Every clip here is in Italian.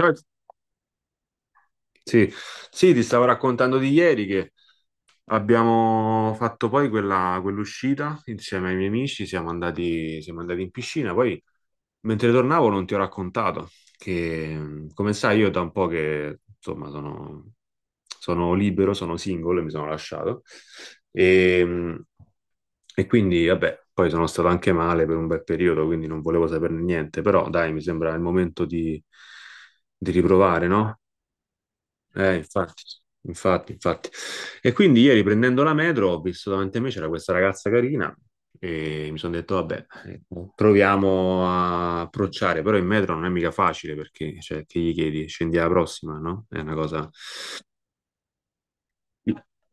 Ah, sì, sì, ti stavo raccontando di ieri che abbiamo fatto poi quell'uscita insieme ai miei amici, siamo andati in piscina, poi mentre tornavo non ti ho raccontato che, come sai, io da un po' che insomma sono libero, sono singolo e mi sono lasciato e, e quindi vabbè, poi sono stato anche male per un bel periodo, quindi non volevo saperne niente, però dai, mi sembra il momento di riprovare, no? Infatti, infatti, infatti. E quindi ieri prendendo la metro ho visto davanti a me c'era questa ragazza carina e mi sono detto, vabbè, proviamo a approcciare, però in metro non è mica facile perché, cioè, che gli chiedi? Scendi alla prossima, no? È una cosa.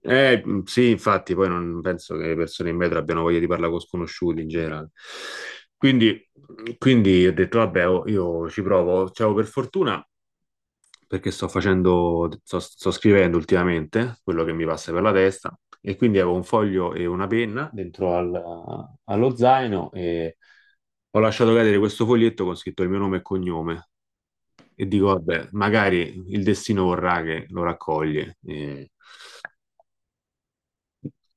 Sì, infatti, poi non penso che le persone in metro abbiano voglia di parlare con sconosciuti in generale. Quindi, quindi ho detto, vabbè, oh, io ci provo. Cioè, oh, per fortuna perché sto scrivendo ultimamente quello che mi passa per la testa e quindi avevo un foglio e una penna dentro allo zaino e ho lasciato cadere questo foglietto con scritto il mio nome e cognome e dico, vabbè, magari il destino vorrà che lo raccoglie.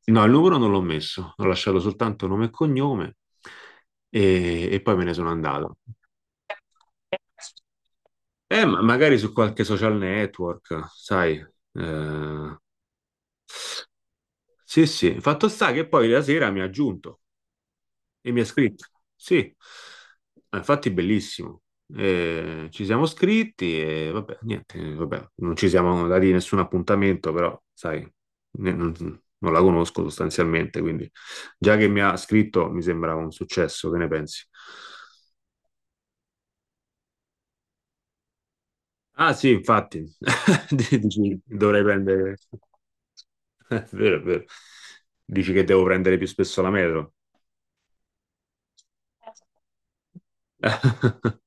No, il numero non l'ho messo, ho lasciato soltanto nome e cognome e poi me ne sono andato. Ma magari su qualche social network, sai. Eh, sì, sì, fatto sta che poi la sera mi ha aggiunto e mi ha scritto. Sì, ma infatti bellissimo. Ci siamo scritti e vabbè, niente, vabbè, non ci siamo dati nessun appuntamento, però sai, ne- non, non la conosco sostanzialmente, quindi già che mi ha scritto mi sembra un successo, che ne pensi? Ah sì, infatti, Dici, dovrei prendere. È vero, è vero. Dici che devo prendere più spesso la metro?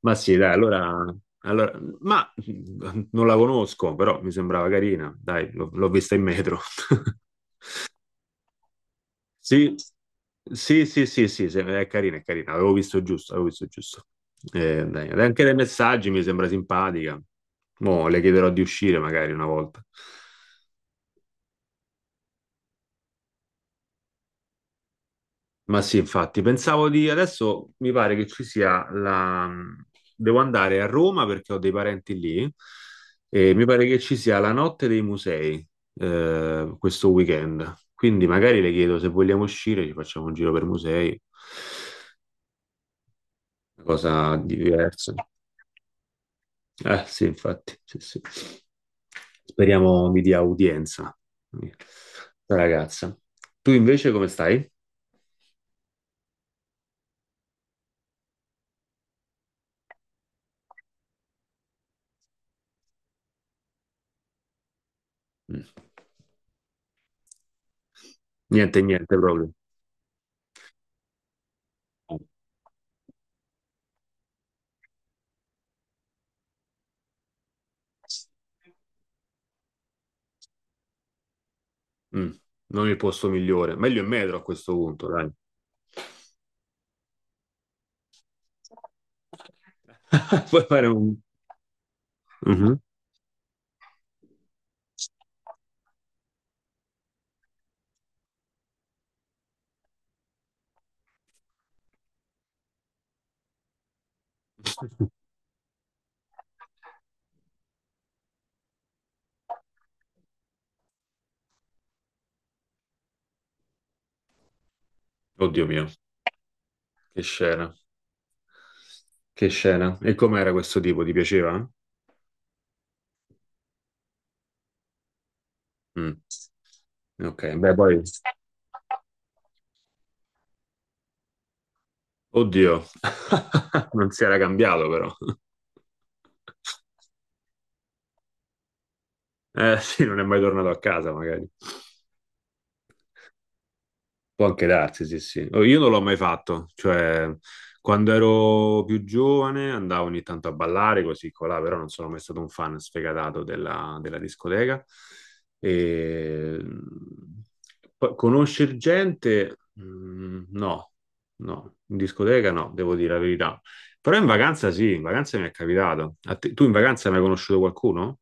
Ma sì, dai, ma non la conosco, però mi sembrava carina. Dai, l'ho vista in metro. Sì, sì, sì, sì, sì, è carina, è carina. Avevo visto giusto, avevo visto giusto. Dai, anche dai messaggi mi sembra simpatica. Mo' le chiederò di uscire magari una volta. Ma sì, infatti, pensavo di adesso mi pare che ci sia la. Devo andare a Roma perché ho dei parenti lì e mi pare che ci sia la notte dei musei questo weekend. Quindi magari le chiedo se vogliamo uscire, ci facciamo un giro per musei, una cosa diversa. Eh sì, infatti, sì, sì. Speriamo mi dia udienza, la ragazza. Tu invece come stai? Mm. Niente, niente proprio. Mm, non il posto migliore. Meglio in metro a questo punto, dai. Puoi fare un. Mhm. Oddio mio, che scena. Che scena. E com'era questo tipo? Ti piaceva? Mm. Ok, beh, poi. Oddio, non si era cambiato però. Eh sì, non è mai tornato a casa magari. Può anche darsi, sì, sì. Oh, io non l'ho mai fatto, cioè quando ero più giovane andavo ogni tanto a ballare così colà, però non sono mai stato un fan sfegatato della discoteca. E... Poi conoscere gente, mm, no, no, in discoteca no, devo dire la verità. Però in vacanza sì, in vacanza mi è capitato. Tu in vacanza hai mai conosciuto qualcuno?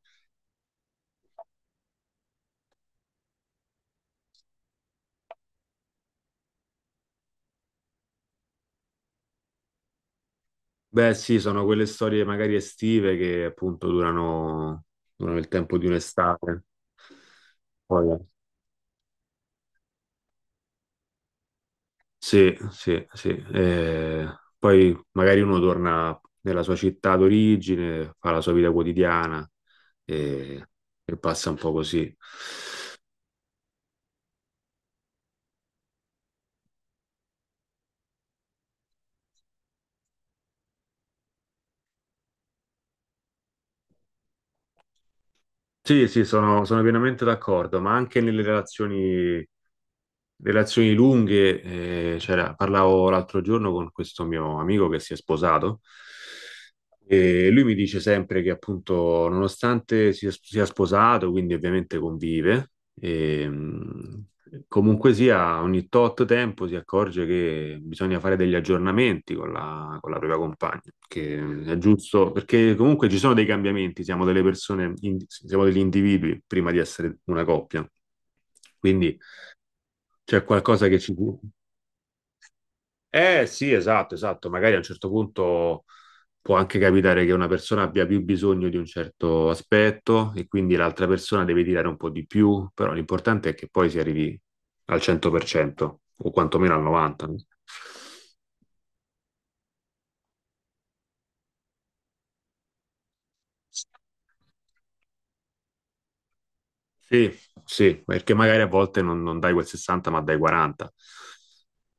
Beh, sì, sono quelle storie magari estive che appunto durano, durano il tempo di un'estate. Poi, sì, sì, sì. Poi magari uno torna nella sua città d'origine, fa la sua vita quotidiana e, e passa un po' così. Sì, sì, sono pienamente d'accordo, ma anche nelle relazioni. Relazioni lunghe, parlavo l'altro giorno con questo mio amico che si è sposato e lui mi dice sempre che appunto nonostante sia sposato, quindi ovviamente convive, e, mh, comunque sia ogni tot tempo si accorge che bisogna fare degli aggiornamenti con la propria compagna, che è giusto perché comunque ci sono dei cambiamenti, siamo delle persone, siamo degli individui prima di essere una coppia. Quindi c'è qualcosa che ci. Eh sì, esatto, esatto. Magari a un certo punto può anche capitare che una persona abbia più bisogno di un certo aspetto e quindi l'altra persona deve tirare un po' di più, però l'importante è che poi si arrivi al 100% o quantomeno al 90%. Sì, sì, perché magari a volte non dai quel 60 ma dai 40,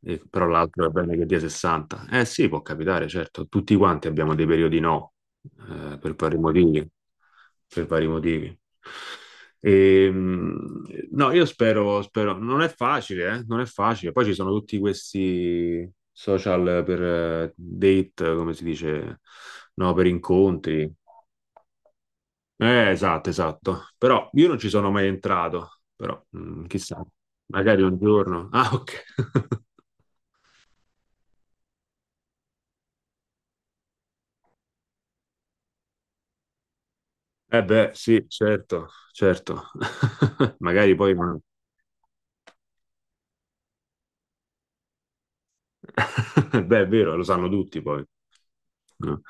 Però l'altro è bene che dia 60. Eh sì, può capitare, certo, tutti quanti abbiamo dei periodi no, per vari motivi, per vari motivi. Ehm, no, io spero, spero, non è facile, non è facile. Poi ci sono tutti questi social per date, come si dice, no, per incontri. Esatto, esatto. Però io non ci sono mai entrato, però chissà, magari un giorno. Ah, ok. Eh beh, sì, certo, certo. Magari poi. Beh, è vero, lo sanno tutti poi. No.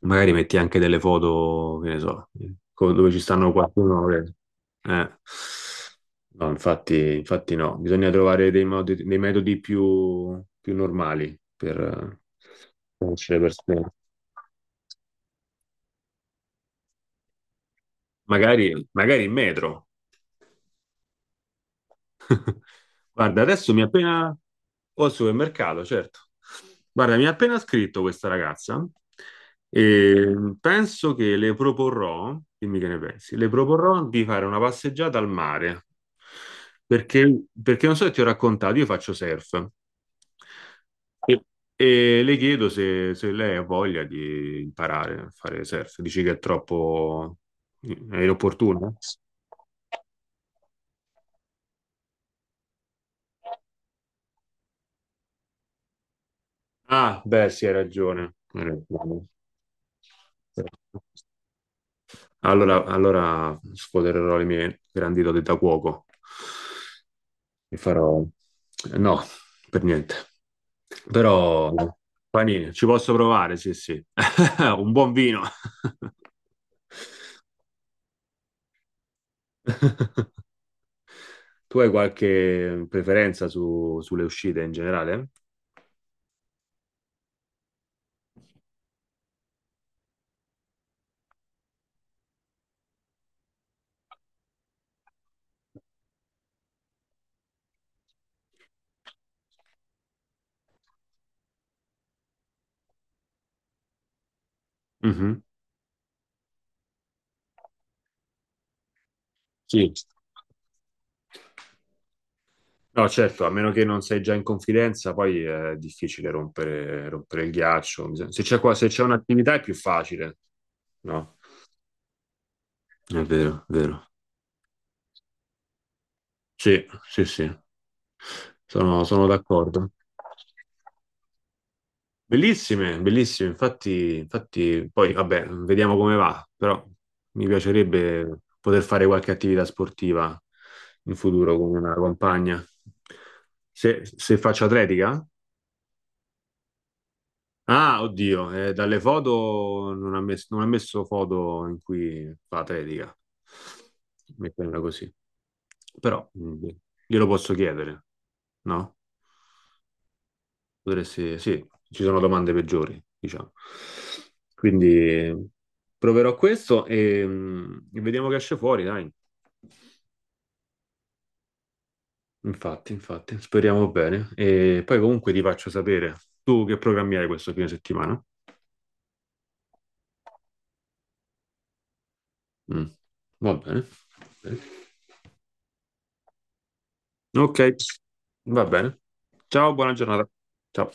Magari metti anche delle foto, che ne so, dove ci stanno qualcuno. Eh. No, infatti, infatti no, bisogna trovare dei metodi più, più normali per conoscere le persone. Magari, magari in metro. Guarda, adesso mi ha appena. O al supermercato, certo. Guarda, mi ha appena scritto questa ragazza e penso che le proporrò, dimmi che ne pensi, le proporrò di fare una passeggiata al mare. Perché non so se ti ho raccontato, io faccio surf. E, e le chiedo se lei ha voglia di imparare a fare surf. Dici che è troppo, è inopportuno? Ah, beh, sì, hai ragione. Hai ragione. Allora, allora sfodererò le mie grandi doti da cuoco e farò. No, per niente. Però, panini, ci posso provare, sì, sì. Un buon vino. Tu hai qualche preferenza sulle uscite in generale? Mhm. Sì. No, certo, a meno che non sei già in confidenza, poi è difficile rompere, rompere il ghiaccio. Se c'è un'attività è più facile, no? È vero, è vero. Sì, sì, sì, sono d'accordo. Bellissime, bellissime. Infatti, infatti, poi vabbè, vediamo come va, però mi piacerebbe poter fare qualche attività sportiva in futuro con una compagna. Se faccio atletica? Ah, oddio, dalle foto non ha messo foto in cui fa atletica, metterla così. Però glielo posso chiedere, no? Potresti, sì, ci sono domande peggiori, diciamo. Quindi proverò questo e vediamo che esce fuori, dai. Infatti, infatti, speriamo bene. E poi comunque ti faccio sapere tu che programmi hai questo fine settimana. Mm, va bene. Ok, va bene. Ciao, buona giornata. Ciao.